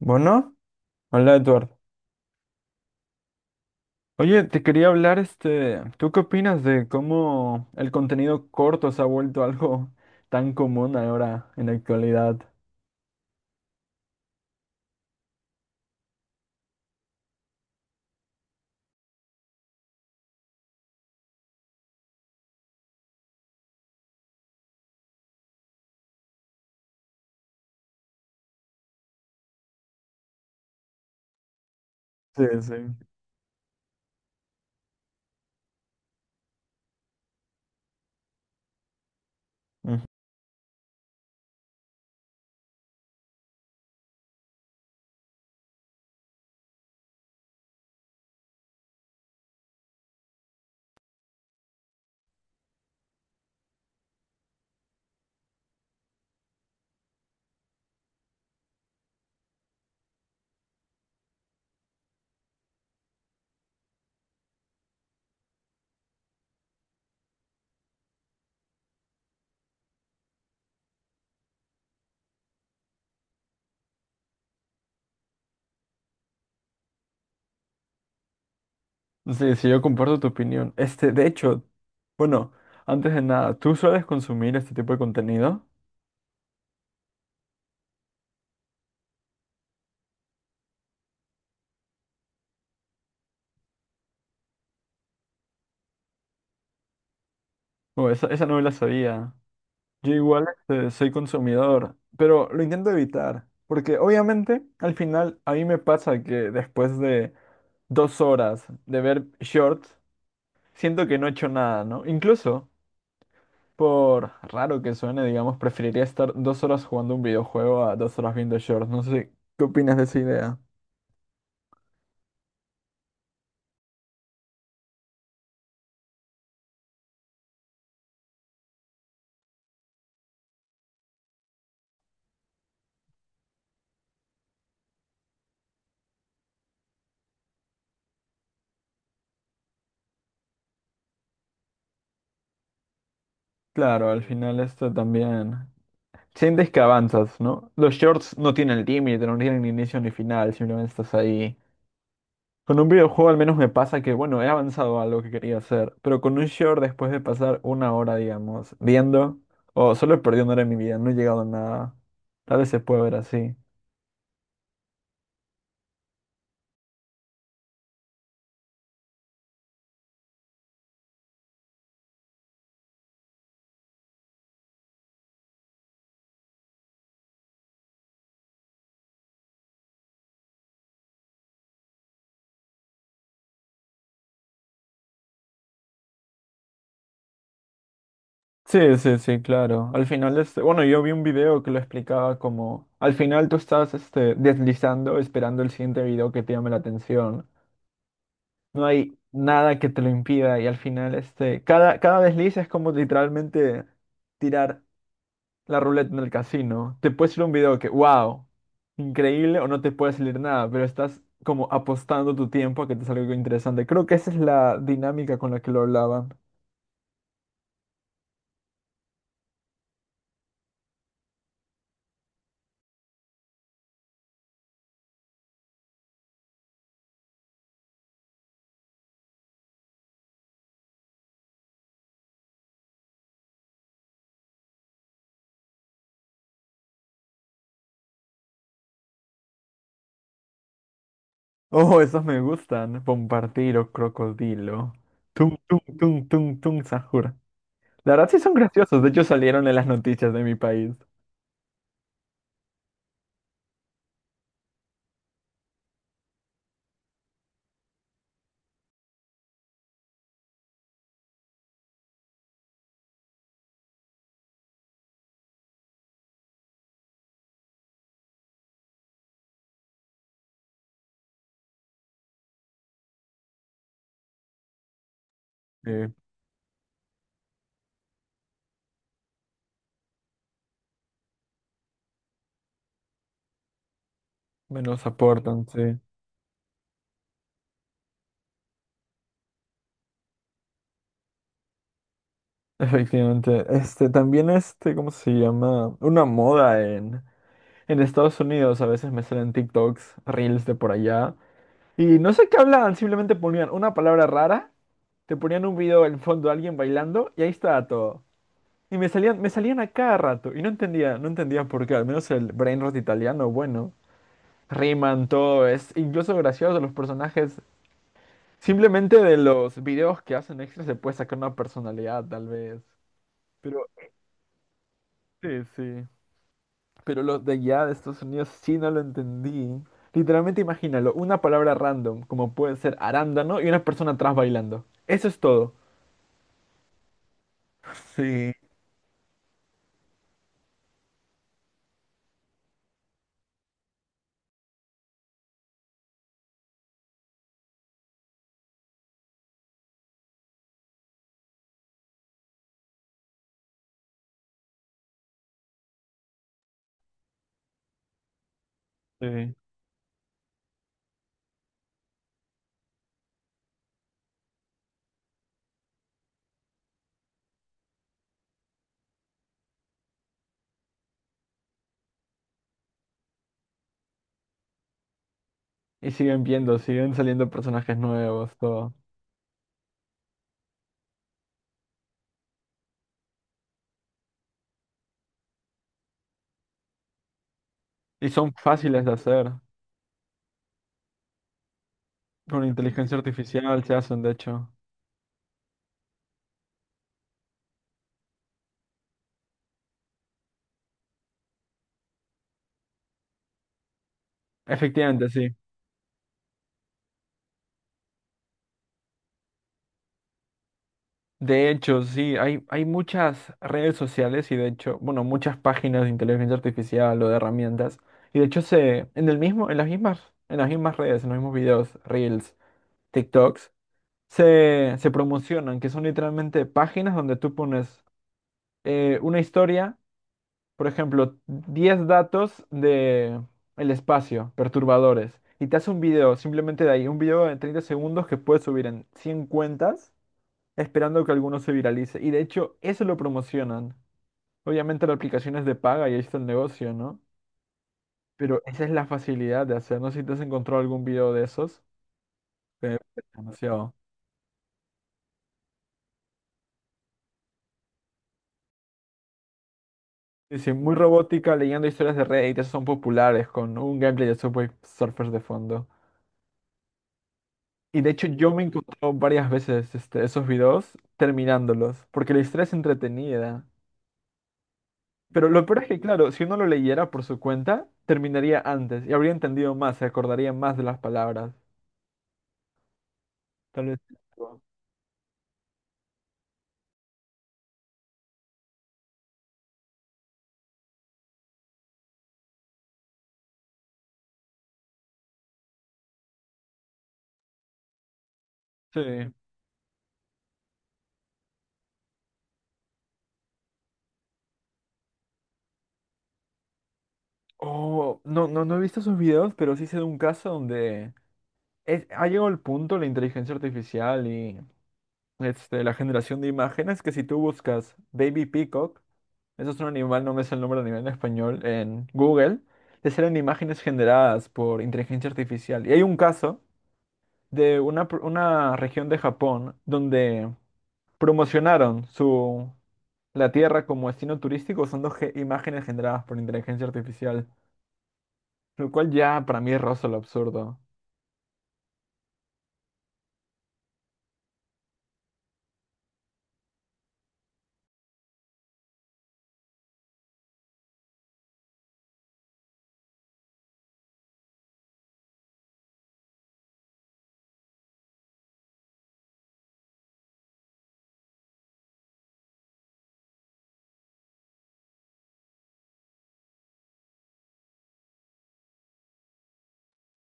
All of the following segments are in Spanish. Bueno, hola Eduardo. Oye, te quería hablar, este, ¿tú qué opinas de cómo el contenido corto se ha vuelto algo tan común ahora en la actualidad? Sí, sí. Ujú. Sí, sí, yo comparto tu opinión. Este, de hecho, bueno, antes de nada, ¿tú sueles consumir este tipo de contenido? O esa no me la sabía. Yo igual, este, soy consumidor, pero lo intento evitar, porque obviamente al final a mí me pasa que después de 2 horas shorts, siento que no he hecho nada, ¿no? Incluso, por raro que suene, digamos, preferiría estar 2 horas un videojuego a 2 horas shorts. No sé, ¿qué opinas de esa idea? Claro, al final esto también. Sientes que avanzas, ¿no? Los shorts no tienen límite, no tienen ni inicio ni final, simplemente estás ahí. Con un videojuego al menos me pasa que, bueno, he avanzado a lo que quería hacer, pero con un short después de pasar 1 hora, viendo, o solo perdí 1 hora, no he llegado a nada. Tal vez se puede ver así. Sí, sí, sí, claro. Al final, este, bueno, yo vi un video que lo explicaba como, al final tú estás, este, deslizando, esperando el siguiente video que te llame la atención. No hay nada que te lo impida y al final, este, cada desliz es como literalmente tirar la ruleta en el casino. Te puede salir un video que, wow, increíble o no te puede salir nada, pero estás como apostando tu tiempo a que te salga algo interesante. Creo que esa es la dinámica con la que lo hablaba. Oh, esos me gustan. Bombardiro, crocodilo. Tum, tum, tum, tum, tum, Sahur. La verdad sí son graciosos. De hecho salieron en las noticias de mi país. Eh, me los aportan, sí. Efectivamente. Este, también este, ¿cómo se llama? Una moda en Estados Unidos. A veces me salen TikToks, reels de por allá. Y no sé qué hablaban. Simplemente ponían una palabra rara. Te ponían un video en fondo de alguien bailando. Y ahí estaba todo. Y me salían a cada rato. Y no entendía por qué. Al menos el brain rot italiano, bueno. Riman, todo es incluso gracioso los personajes. Simplemente de los videos que hacen extra se puede sacar una personalidad, tal vez. Pero, sí, sí. Pero los de allá de Estados Unidos sí no lo entendí. Literalmente imagínalo, una palabra random, como puede ser arándano, y una persona atrás bailando. Eso es todo. Sí, sí. Y siguen viendo, siguen saliendo personajes nuevos, todo. Y son fáciles de hacer. Con inteligencia artificial se hacen, de hecho. Efectivamente, sí. De hecho, sí, hay muchas redes sociales y de hecho, bueno, muchas páginas de inteligencia artificial o de herramientas. Y de hecho se, en el mismo, en las mismas redes, en los mismos videos, Reels, TikToks, se promocionan, que son literalmente páginas donde tú pones una historia. Por ejemplo, 10 datos de el espacio, perturbadores, y te hace un video, simplemente de ahí, un video de 30 segundos que puedes subir en 100 cuentas, esperando que alguno se viralice. Y de hecho, eso lo promocionan. Obviamente la aplicación es de paga y ahí está el negocio, ¿no? Pero esa es la facilidad de hacer. No sé si te has encontrado algún video de esos. Que Demasiado. Sí, sí, muy robótica, leyendo historias de Reddit, esos son populares, con un gameplay de Subway Surfers de fondo. Y de hecho yo me he varias veces este, esos videos terminándolos, porque la historia es entretenida. Pero lo peor es que, claro, si uno lo leyera por su cuenta, terminaría antes y habría entendido más, se acordaría más de las palabras. Tal vez. Sí. Oh, no, no, no he visto esos videos, pero sí sé de un caso donde ha llegado el punto la inteligencia artificial y este, la generación de imágenes que si tú buscas Baby Peacock, eso es un animal, no me sé el nombre del animal en español, en Google, les salen imágenes generadas por inteligencia artificial. Y hay un caso de una región de Japón donde promocionaron su, la tierra como destino turístico usando imágenes generadas por inteligencia artificial, lo cual ya para mí roza lo absurdo.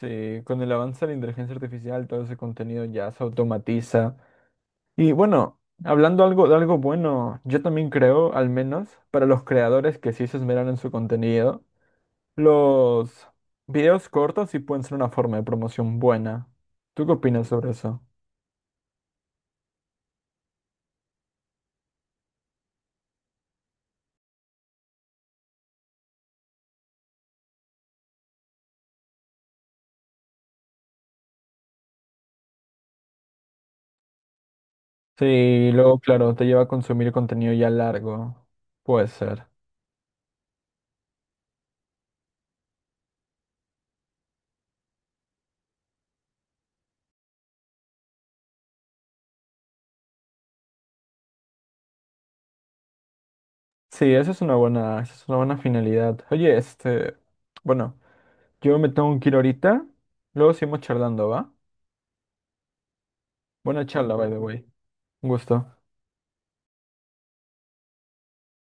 Sí, con el avance de la inteligencia artificial, todo ese contenido ya se automatiza. Y bueno, hablando algo de algo bueno, yo también creo, al menos para los creadores que sí se esmeran en su contenido, los videos cortos sí pueden ser una forma de promoción buena. ¿Tú qué opinas sobre eso? Sí, luego, claro, te lleva a consumir contenido ya largo. Puede ser. Sí, esa es una buena finalidad. Oye, este, bueno, yo me tengo que ir ahorita. Luego seguimos charlando, ¿va? Buena charla, by the way. Un gusto.